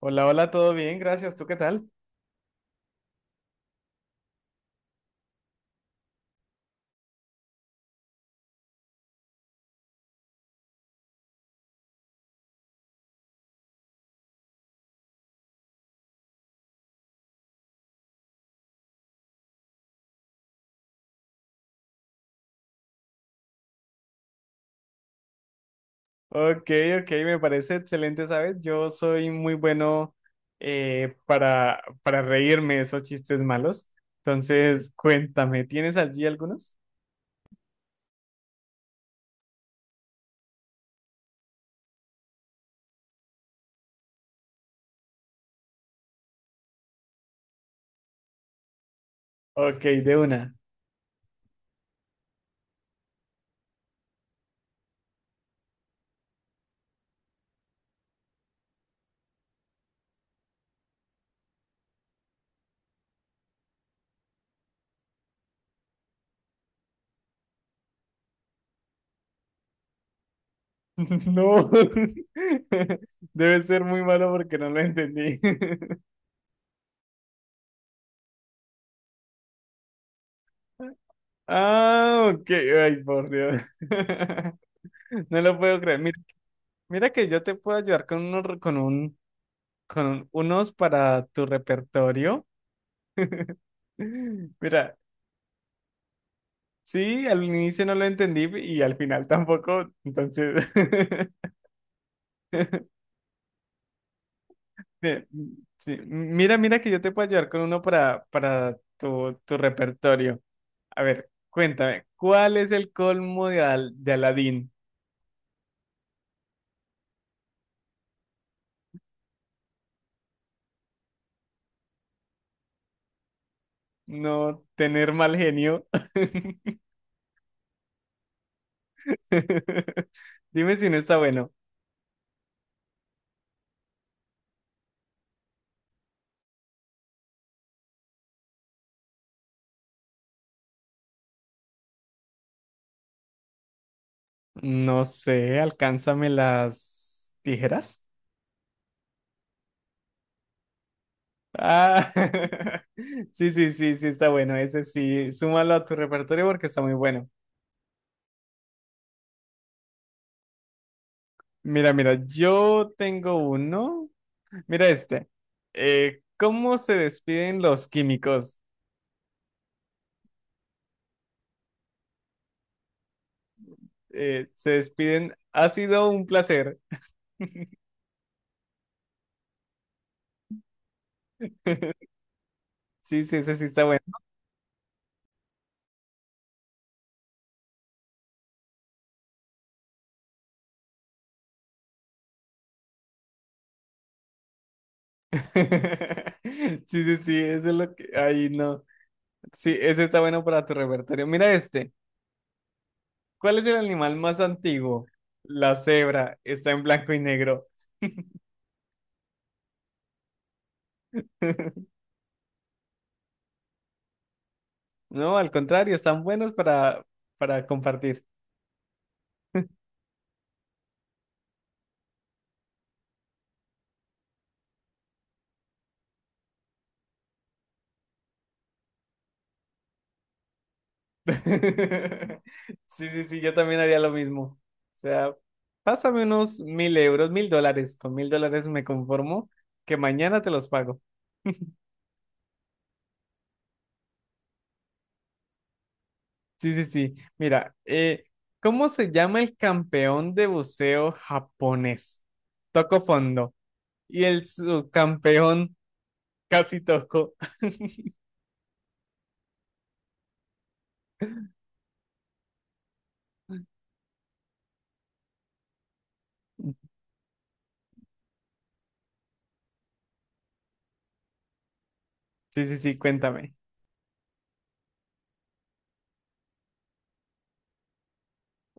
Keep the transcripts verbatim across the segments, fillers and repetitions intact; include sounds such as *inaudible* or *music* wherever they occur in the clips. Hola, hola, todo bien, gracias. ¿Tú qué tal? Ok, ok, me parece excelente, ¿sabes? Yo soy muy bueno, eh, para, para reírme de esos chistes malos. Entonces, cuéntame, ¿tienes allí algunos? Ok, de una. *laughs* No, *laughs* debe ser muy malo porque no lo entendí. *laughs* Ah, ok, ay, por Dios. *laughs* No lo puedo creer. Mira, mira que yo te puedo ayudar con, unos- con, un, con unos para tu repertorio. Mira, sí, al inicio no lo entendí y al final tampoco, entonces, *laughs* bien, sí, mira, mira que yo te puedo ayudar con uno para, para tu, tu repertorio. A ver, cuéntame, ¿cuál es el colmo de, Al- de Aladín? No tener mal genio. *laughs* Dime si no está bueno. No sé, alcánzame las tijeras. Ah, *laughs* sí, sí, sí, sí, está bueno. Ese sí, súmalo a tu repertorio porque está muy bueno. Mira, mira, yo tengo uno. Mira este. Eh, ¿cómo se despiden los químicos? Eh, se despiden. Ha sido un placer. *laughs* Sí, sí, ese sí está bueno. *laughs* Sí, sí, sí, eso es lo que... Ay, no. Sí, ese está bueno para tu repertorio. Mira este. ¿Cuál es el animal más antiguo? La cebra. Está en blanco y negro. *laughs* No, al contrario, están buenos para, para compartir. *laughs* Sí, sí, sí, yo también haría lo mismo. O sea, pásame unos mil euros, mil dólares. Con mil dólares me conformo que mañana te los pago. Sí, sí, sí. Mira, eh, ¿cómo se llama el campeón de buceo japonés? Toco fondo. Y el subcampeón casi toco. Sí, sí, sí, cuéntame.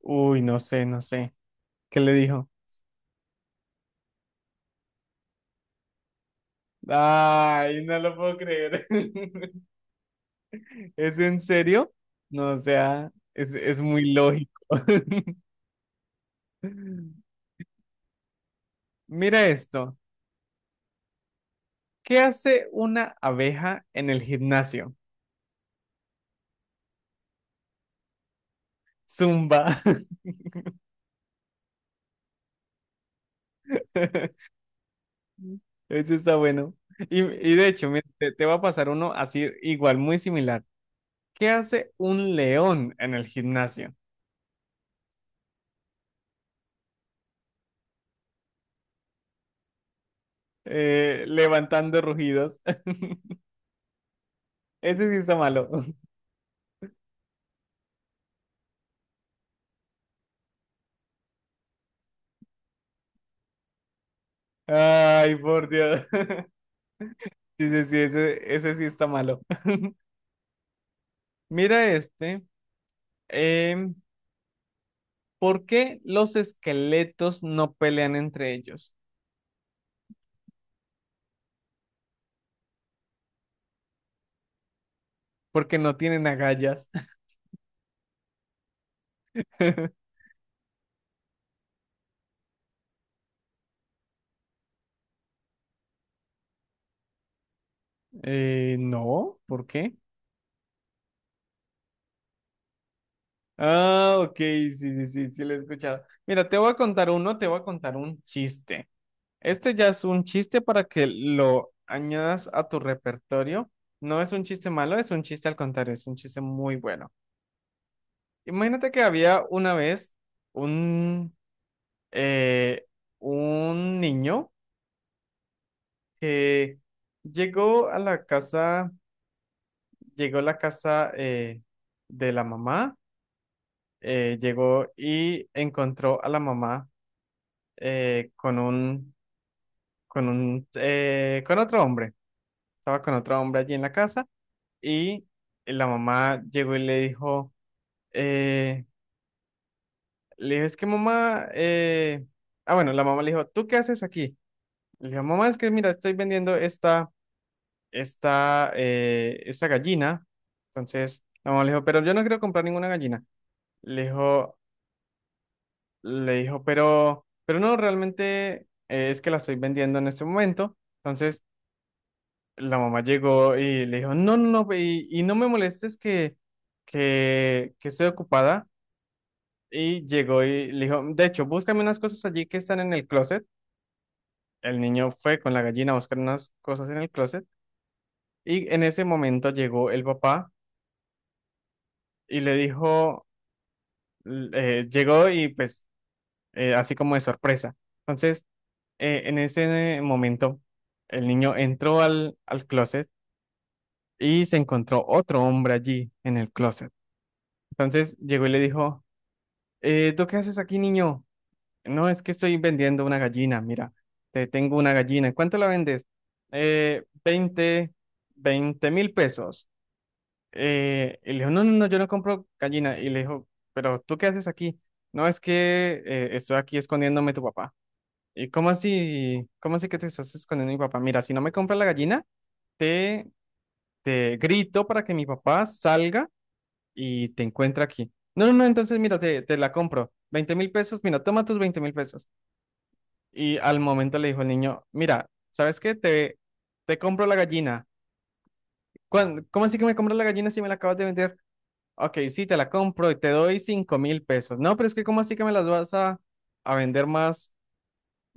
Uy, no sé, no sé. ¿Qué le dijo? Ay, no lo puedo creer. *laughs* ¿Es en serio? No, o sea, es, es muy lógico. *laughs* Mira esto. ¿Qué hace una abeja en el gimnasio? Zumba. *laughs* Eso está bueno. Y, y de hecho, mira, te, te va a pasar uno así igual, muy similar. ¿Qué hace un león en el gimnasio? Eh, levantando rugidos. *laughs* Ese sí está malo. *laughs* Ay, por Dios. *laughs* Sí, sí, sí, ese, ese sí está malo. *laughs* Mira este. em, ¿Por qué los esqueletos no pelean entre ellos? Porque no tienen agallas. *laughs* Eh, no, ¿por qué? Ah, ok, sí, sí, sí, sí, lo he escuchado. Mira, te voy a contar uno, te voy a contar un chiste. Este ya es un chiste para que lo añadas a tu repertorio. No es un chiste malo, es un chiste al contrario, es un chiste muy bueno. Imagínate que había una vez un eh, un niño que llegó a la casa, llegó a la casa, eh, de la mamá, eh, llegó y encontró a la mamá, eh, con un, con un, eh, con otro hombre. Estaba con otro hombre allí en la casa y la mamá llegó y le dijo, eh, le dijo, es que mamá, eh, ah, bueno, la mamá le dijo, ¿tú qué haces aquí? Le dijo, mamá, es que mira, estoy vendiendo esta esta, eh, esta gallina. Entonces, la mamá le dijo, pero yo no quiero comprar ninguna gallina. Le dijo, le dijo, pero, pero no, realmente, eh, es que la estoy vendiendo en este momento. Entonces, la mamá llegó y le dijo, no, no, no, ve, y, y no me molestes que, que, que estoy ocupada. Y llegó y le dijo, de hecho, búscame unas cosas allí que están en el closet. El niño fue con la gallina a buscar unas cosas en el closet. Y en ese momento llegó el papá y le dijo, eh, llegó y pues eh, así como de sorpresa. Entonces, eh, en ese momento, el niño entró al, al closet y se encontró otro hombre allí en el closet. Entonces llegó y le dijo, eh, ¿tú qué haces aquí, niño? No, es que estoy vendiendo una gallina, mira, te tengo una gallina. ¿Cuánto la vendes? Eh, veinte 20 mil pesos. Eh, y le dijo, no, no, no, yo no compro gallina. Y le dijo, pero ¿tú qué haces aquí? No, es que, eh, estoy aquí escondiéndome tu papá. ¿Y cómo así? ¿Cómo así que te estás escondiendo mi papá? Mira, si no me compras la gallina, te, te grito para que mi papá salga y te encuentre aquí. No, no, no, entonces mira, te, te la compro. Veinte mil pesos, mira, toma tus veinte mil pesos. Y al momento le dijo el niño, mira, ¿sabes qué? Te, te compro la gallina. ¿Cuán- ¿Cómo así que me compras la gallina si me la acabas de vender? Ok, sí, te la compro y te doy cinco mil pesos. No, pero es que ¿cómo así que me las vas a, a vender más,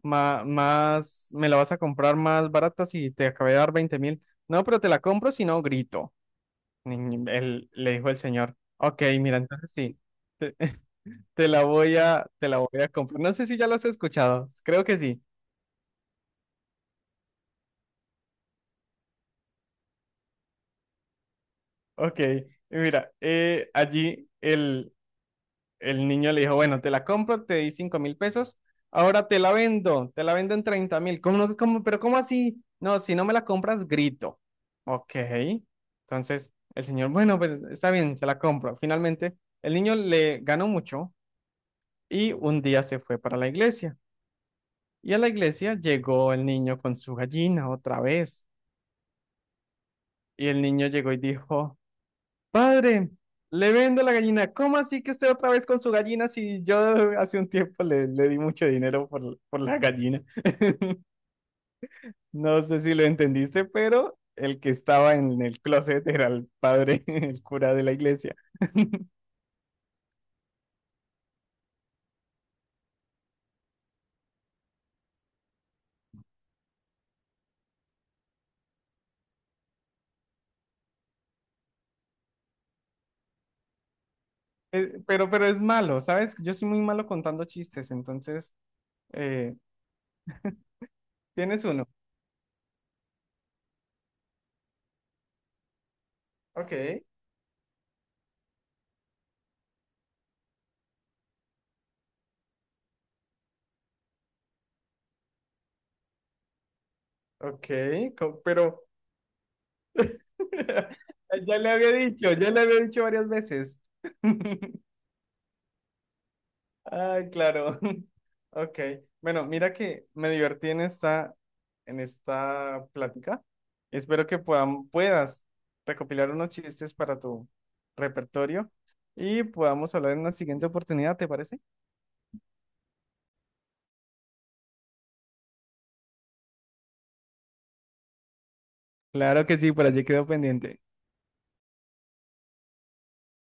más, más, me la vas a comprar más barata si te acabé de dar veinte mil? No, pero te la compro si no grito, Ni- ni- el- le dijo el señor. Ok, mira, entonces sí, te la voy a, te la voy a comprar. No sé si ya lo has escuchado, creo que sí. Ok, mira, eh, allí el, el niño le dijo, bueno, te la compro, te di cinco mil pesos, ahora te la vendo, te la vendo en treinta mil. ¿Cómo, no- cómo- pero cómo así? No, si no me la compras, grito. Ok. Entonces el señor, bueno, pues está bien, se la compro. Finalmente, el niño le ganó mucho y un día se fue para la iglesia. Y a la iglesia llegó el niño con su gallina otra vez. Y el niño llegó y dijo, Padre, le vendo la gallina. ¿Cómo así que usted otra vez con su gallina si yo hace un tiempo le, le di mucho dinero por, por la gallina? No sé si lo entendiste, pero el que estaba en el closet era el padre, *laughs* el cura de la iglesia. Eh, pero, pero es malo, ¿sabes? Yo soy muy malo contando chistes, entonces, eh, tienes uno. Ok, ok, co- pero *laughs* ya le había dicho, ya le había dicho varias veces. *laughs* Ah, claro. *laughs* Ok. Bueno, mira que me divertí en esta, en esta plática. Espero que puedan, puedas recopilar unos chistes para tu repertorio y podamos hablar en una siguiente oportunidad, ¿te parece? Claro que sí, por allí quedó pendiente.